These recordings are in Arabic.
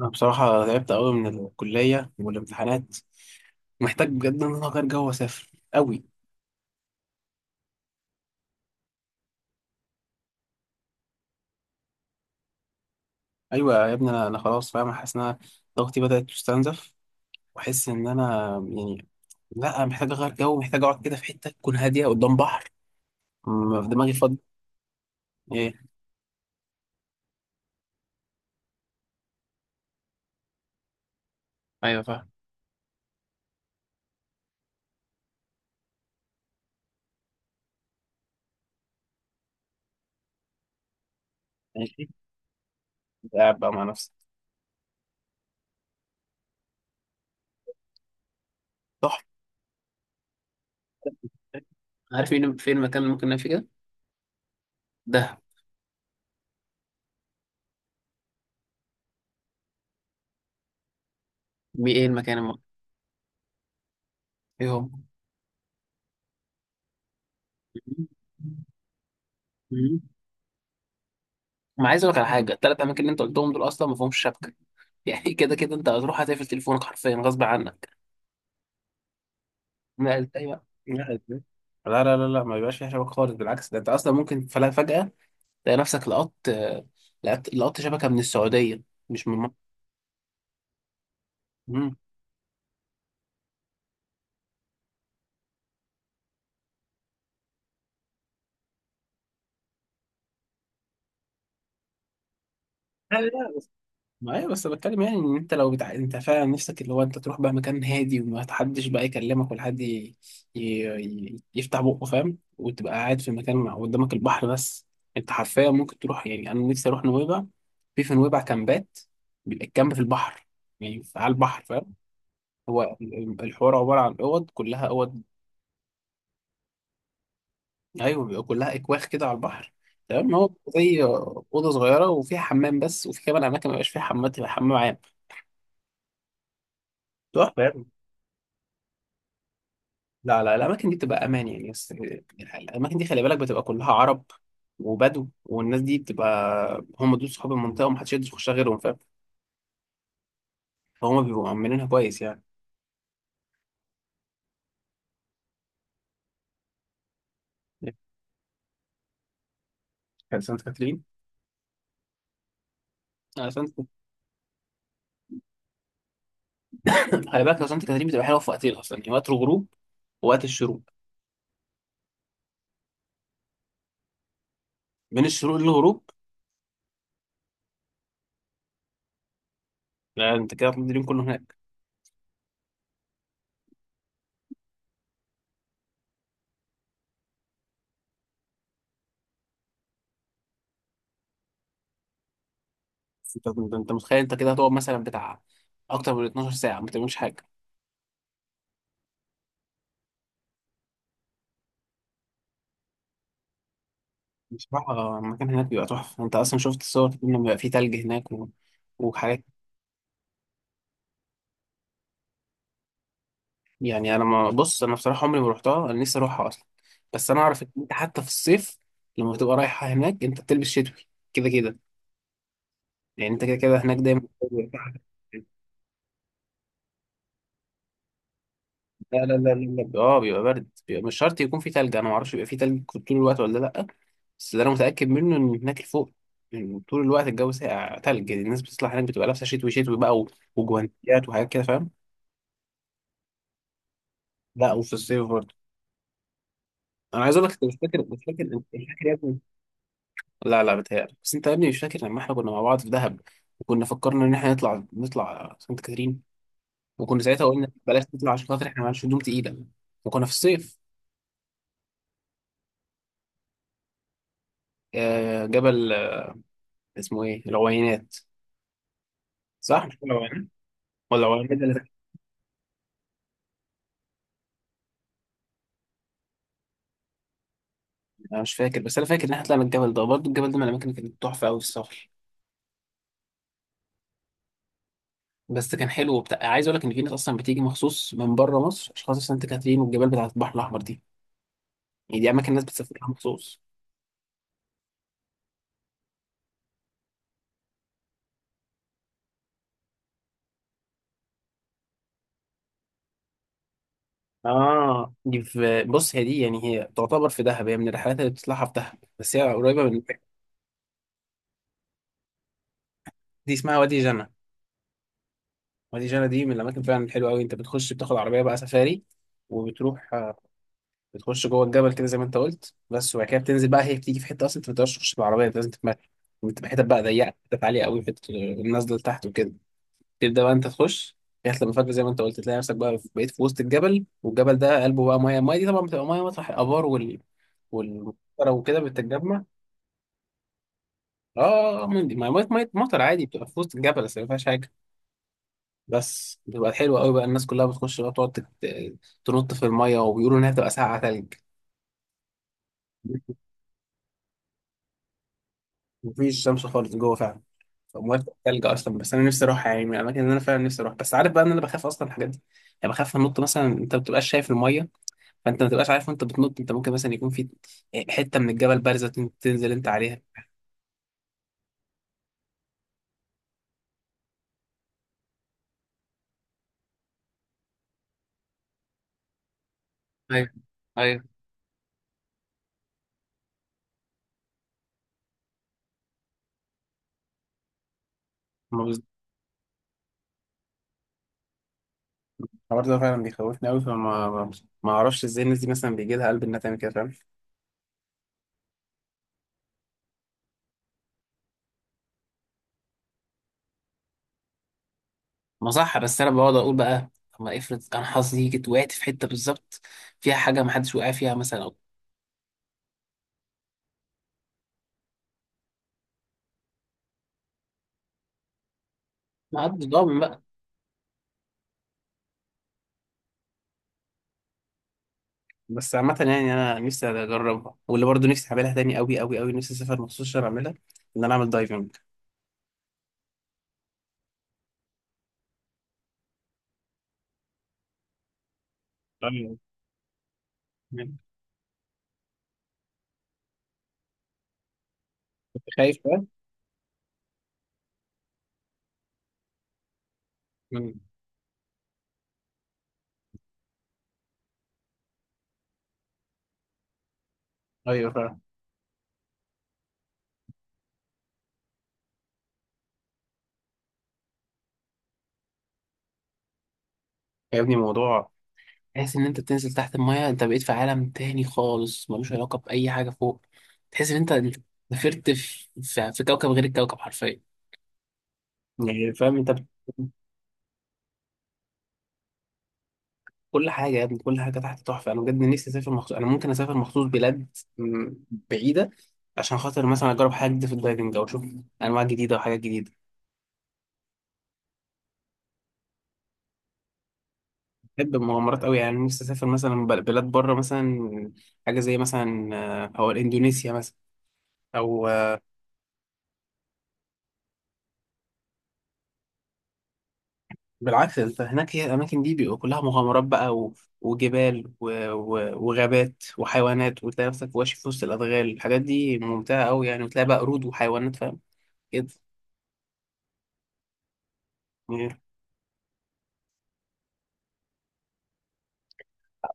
أنا بصراحة تعبت أوي من الكلية والامتحانات. محتاج بجد إن أنا أغير جو وأسافر أوي. أيوة يا ابني، أنا خلاص فاهم، حاسس إن أنا ضغطي بدأت تستنزف، وأحس إن أنا يعني لأ، محتاج أغير جو، محتاج أقعد كده في حتة تكون هادية قدام بحر. في دماغي فاضي. إيه؟ أيوه فاهم. ماشي. قاعد بقى مع نفسي. صح. عارف فين المكان اللي ممكن نعمل فيه كده؟ دهب. إيه المكان إيه هو؟ ما عايز اقول لك على حاجه، الثلاث اماكن اللي انت قلتهم دول اصلا ما فيهمش شبكه يعني كده كده انت هتروح هتقفل تليفونك حرفيا غصب عنك. ما ازاي بقى؟ لا ازاي؟ لا، لا، لا، لا، ما بيبقاش فيها شبكة خالص. بالعكس، ده انت اصلا ممكن فجأة تلاقي نفسك لقطت شبكة من السعودية، مش من مصر. مم. لا، لا. ما ايوه، بس بتكلم يعني، ان انت لو انت فعلا نفسك اللي هو انت تروح بقى مكان هادي وما حدش بقى يكلمك، ولا حد ي... يفتح بقه فاهم، وتبقى قاعد في مكان قدامك البحر بس. انت حرفيا ممكن تروح، يعني انا نفسي اروح نويبع. في نويبع كامبات، بيبقى الكامب في البحر، يعني على البحر، فاهم. هو الحوار عبارة عن اوض، كلها اوض. ايوه بيبقى كلها اكواخ كده على البحر. تمام. هو زي اوضه صغيره وفيها حمام بس، وفي كمان اماكن ما بيبقاش فيها حمام، تبقى حمام عام. تحفه. لا، لا، الأماكن دي بتبقى أمان يعني. بس الأماكن دي خلي بالك بتبقى كلها عرب وبدو، والناس دي بتبقى هم دول صحاب المنطقة، ومحدش يقدر يخشها غيرهم، فاهم. فهم بيبقوا مأمنينها كويس يعني. كان سانت كاترين. آه، سانت. خلي بالك لو سانت كاترين بتبقى حلوة في وقتين أصلا، يعني وقت الغروب ووقت الشروق. من الشروق للغروب؟ لا، أنت كده هتقضي اليوم كله هناك. أنت متخيل أنت كده هتقعد مثلا بتاع أكتر من 12 ساعة ما بتعملش حاجة؟ بصراحة المكان هناك بيبقى تحفة. أنت أصلا شفت الصور لما بيبقى فيه تلج هناك و... وحاجات. يعني انا، ما بص، انا بصراحه عمري ما رحتها، انا نفسي اروحها اصلا. بس انا اعرف ان انت حتى في الصيف لما بتبقى رايحه هناك انت بتلبس شتوي، كده كده. يعني انت كده كده هناك دايما. لا، لا، لا، لا، لا. اه، بيبقى برد، بيبقى مش شرط يكون في تلج، انا ما اعرفش بيبقى في تلج طول الوقت ولا لا. بس اللي انا متاكد منه ان هناك فوق، يعني طول الوقت الجو ساقع تلج. يعني الناس بتطلع هناك بتبقى لابسه شتوي شتوي بقى و- وجوانتيات وحاجات كده، فاهم. لا، وفي الصيف برضه. انا عايز اقول لك انت مش فاكر، مش فاكر، انت مش فاكر يا ابني. لا، لا، بتهيألك بس. انت يا ابني مش فاكر لما احنا كنا مع بعض في دهب، وكنا فكرنا ان احنا نطلع سانت كاترين، وكنا ساعتها قلنا بلاش نطلع عشان خاطر احنا معانا هدوم تقيله، وكنا في الصيف. آه، جبل. آه، اسمه ايه؟ العوينات. صح مش العوينات، ولا العوينات ده اللي تحت؟ انا مش فاكر، بس انا فاكر ان احنا طلعنا الجبل ده برضه. الجبل ده من الاماكن اللي كانت تحفه قوي في السفر. بس كان حلو وبتاع. عايز اقول لك ان في ناس اصلا بتيجي مخصوص من بره مصر عشان خاطر سانت كاترين والجبال بتاعت البحر الاحمر دي. يعني دي اماكن الناس بتسافرها مخصوص. اه، دي في، بص هي دي يعني، هي تعتبر في دهب، هي من الرحلات اللي بتطلعها في دهب، بس هي قريبه من. دي اسمها وادي جنة. وادي جنة دي من الاماكن فعلا الحلوه قوي. انت بتخش بتاخد عربيه بقى سفاري وبتروح، آه، بتخش جوه الجبل كده زي ما انت قلت بس. وبعد كده بتنزل بقى، هي بتيجي في حته اصلا انت ما تقدرش تخش بالعربيه، انت لازم تتمشى. بتبقى حتت بقى ضيقه، حتت عاليه قوي، حتت النازله لتحت وكده. تبدا بقى انت تخش لغايه لما فجأة زي ما انت قلت تلاقي نفسك بقى بقيت في وسط الجبل، والجبل ده قلبه بقى ميه. الميه دي طبعا بتبقى ميه مطرح الابار وال- وكده بتتجمع. اه، من دي، ما مية مية مطر عادي، بتبقى في وسط الجبل بس ما فيهاش حاجه. بس بتبقى حلوه قوي بقى. الناس كلها بتخش بقى بتقعد تنط في الميه، وبيقولوا انها بتبقى ساقعه تلج. مفيش شمس خالص جوه فعلا، فالميه بتبقى تلج اصلا. بس انا نفسي اروح، يعني من الاماكن اللي انا فعلا نفسي اروح. بس عارف بقى ان انا بخاف اصلا من الحاجات دي. يعني بخاف انط مثلا، انت ما بتبقاش شايف الميه، فانت ما بتبقاش عارف وانت بتنط. انت ممكن مثلا يكون في حته من الجبل بارزه تنزل انت عليها. ايوه، ايوه. ما بز- الحوار ده فعلا بيخوفني قوي، فما ما ما اعرفش ازاي الناس دي مثلا بيجي لها قلب انها تعمل كده، فاهم. ما صح، بس انا بقعد اقول بقى، طب ما افرض انا حظي جيت وقعت في حته بالظبط فيها حاجه ما حدش وقع فيها مثلا، او. ما حدش ضامن بقى. بس عامه يعني انا نفسي اجربها، واللي برضه نفسي اعملها تاني قوي قوي قوي، نفسي اسافر مخصوص عشان اعملها، ان انا اعمل دايفنج. ايوه، كنت خايف بقى. مم. ايوه فعلا. يا ابني موضوع. تحس ان انت بتنزل تحت المايه، انت بقيت في عالم تاني خالص ملوش علاقه باي حاجه فوق. تحس ان انت سافرت في كوكب غير الكوكب، حرفيا. يعني فاهم انت. كل حاجه يا ابني، كل حاجه تحت تحفه. انا بجد نفسي اسافر مخصوص، انا ممكن اسافر مخصوص بلاد م- بعيده عشان خاطر مثلا اجرب حاجه جديده في الدايفنج، او اشوف انواع جديده وحاجات جديده. بحب المغامرات قوي يعني، نفسي اسافر مثلا بلاد بره مثلا. حاجه زي مثلا او اندونيسيا مثلا، او بالعكس، انت هناك، هي الاماكن دي بيبقى كلها مغامرات بقى و... وجبال و... و... وغابات وحيوانات، وتلاقي نفسك ماشي في وسط الادغال. الحاجات دي ممتعه قوي يعني، وتلاقي بقى قرود وحيوانات، فاهم كده.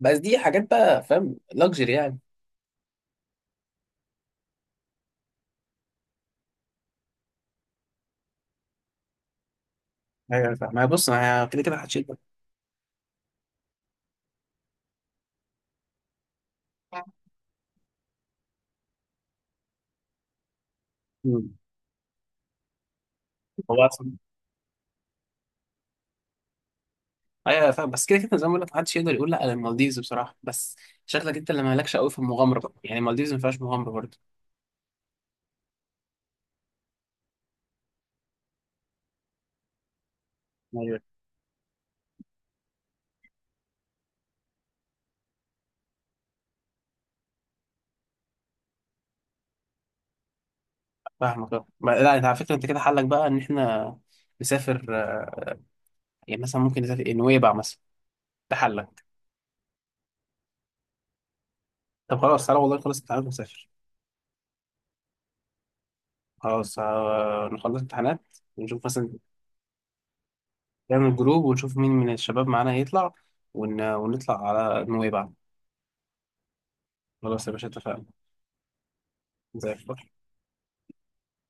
بس دي حاجات بقى فاهم، لاكجري يعني. ايوه فاهم، ما هي بص، ما هي كده كده محدش يقدر. مم. هو اصلا. ايوه فاهم، بس كده كده زي ما بقول لك، محدش يقدر يقول لا على المالديفز بصراحه، بس شكلك انت اللي مالكش قوي في المغامره بقى. يعني المالديفز ما فيهاش مغامره برضه. ايوه فاهمك أه. لا، انت على فكره، انت كده حلك بقى ان احنا نسافر، يعني مثلا ممكن نسافر نويبع مثلا. ده حلك. طب خلاص، تعالى والله خلص امتحانات ونسافر. خلاص نخلص امتحانات، ونشوف مثلا نعمل جروب، ونشوف مين من الشباب معانا هيطلع ون... ونطلع على نويبع. خلاص يا باشا، اتفقنا. زي الفل.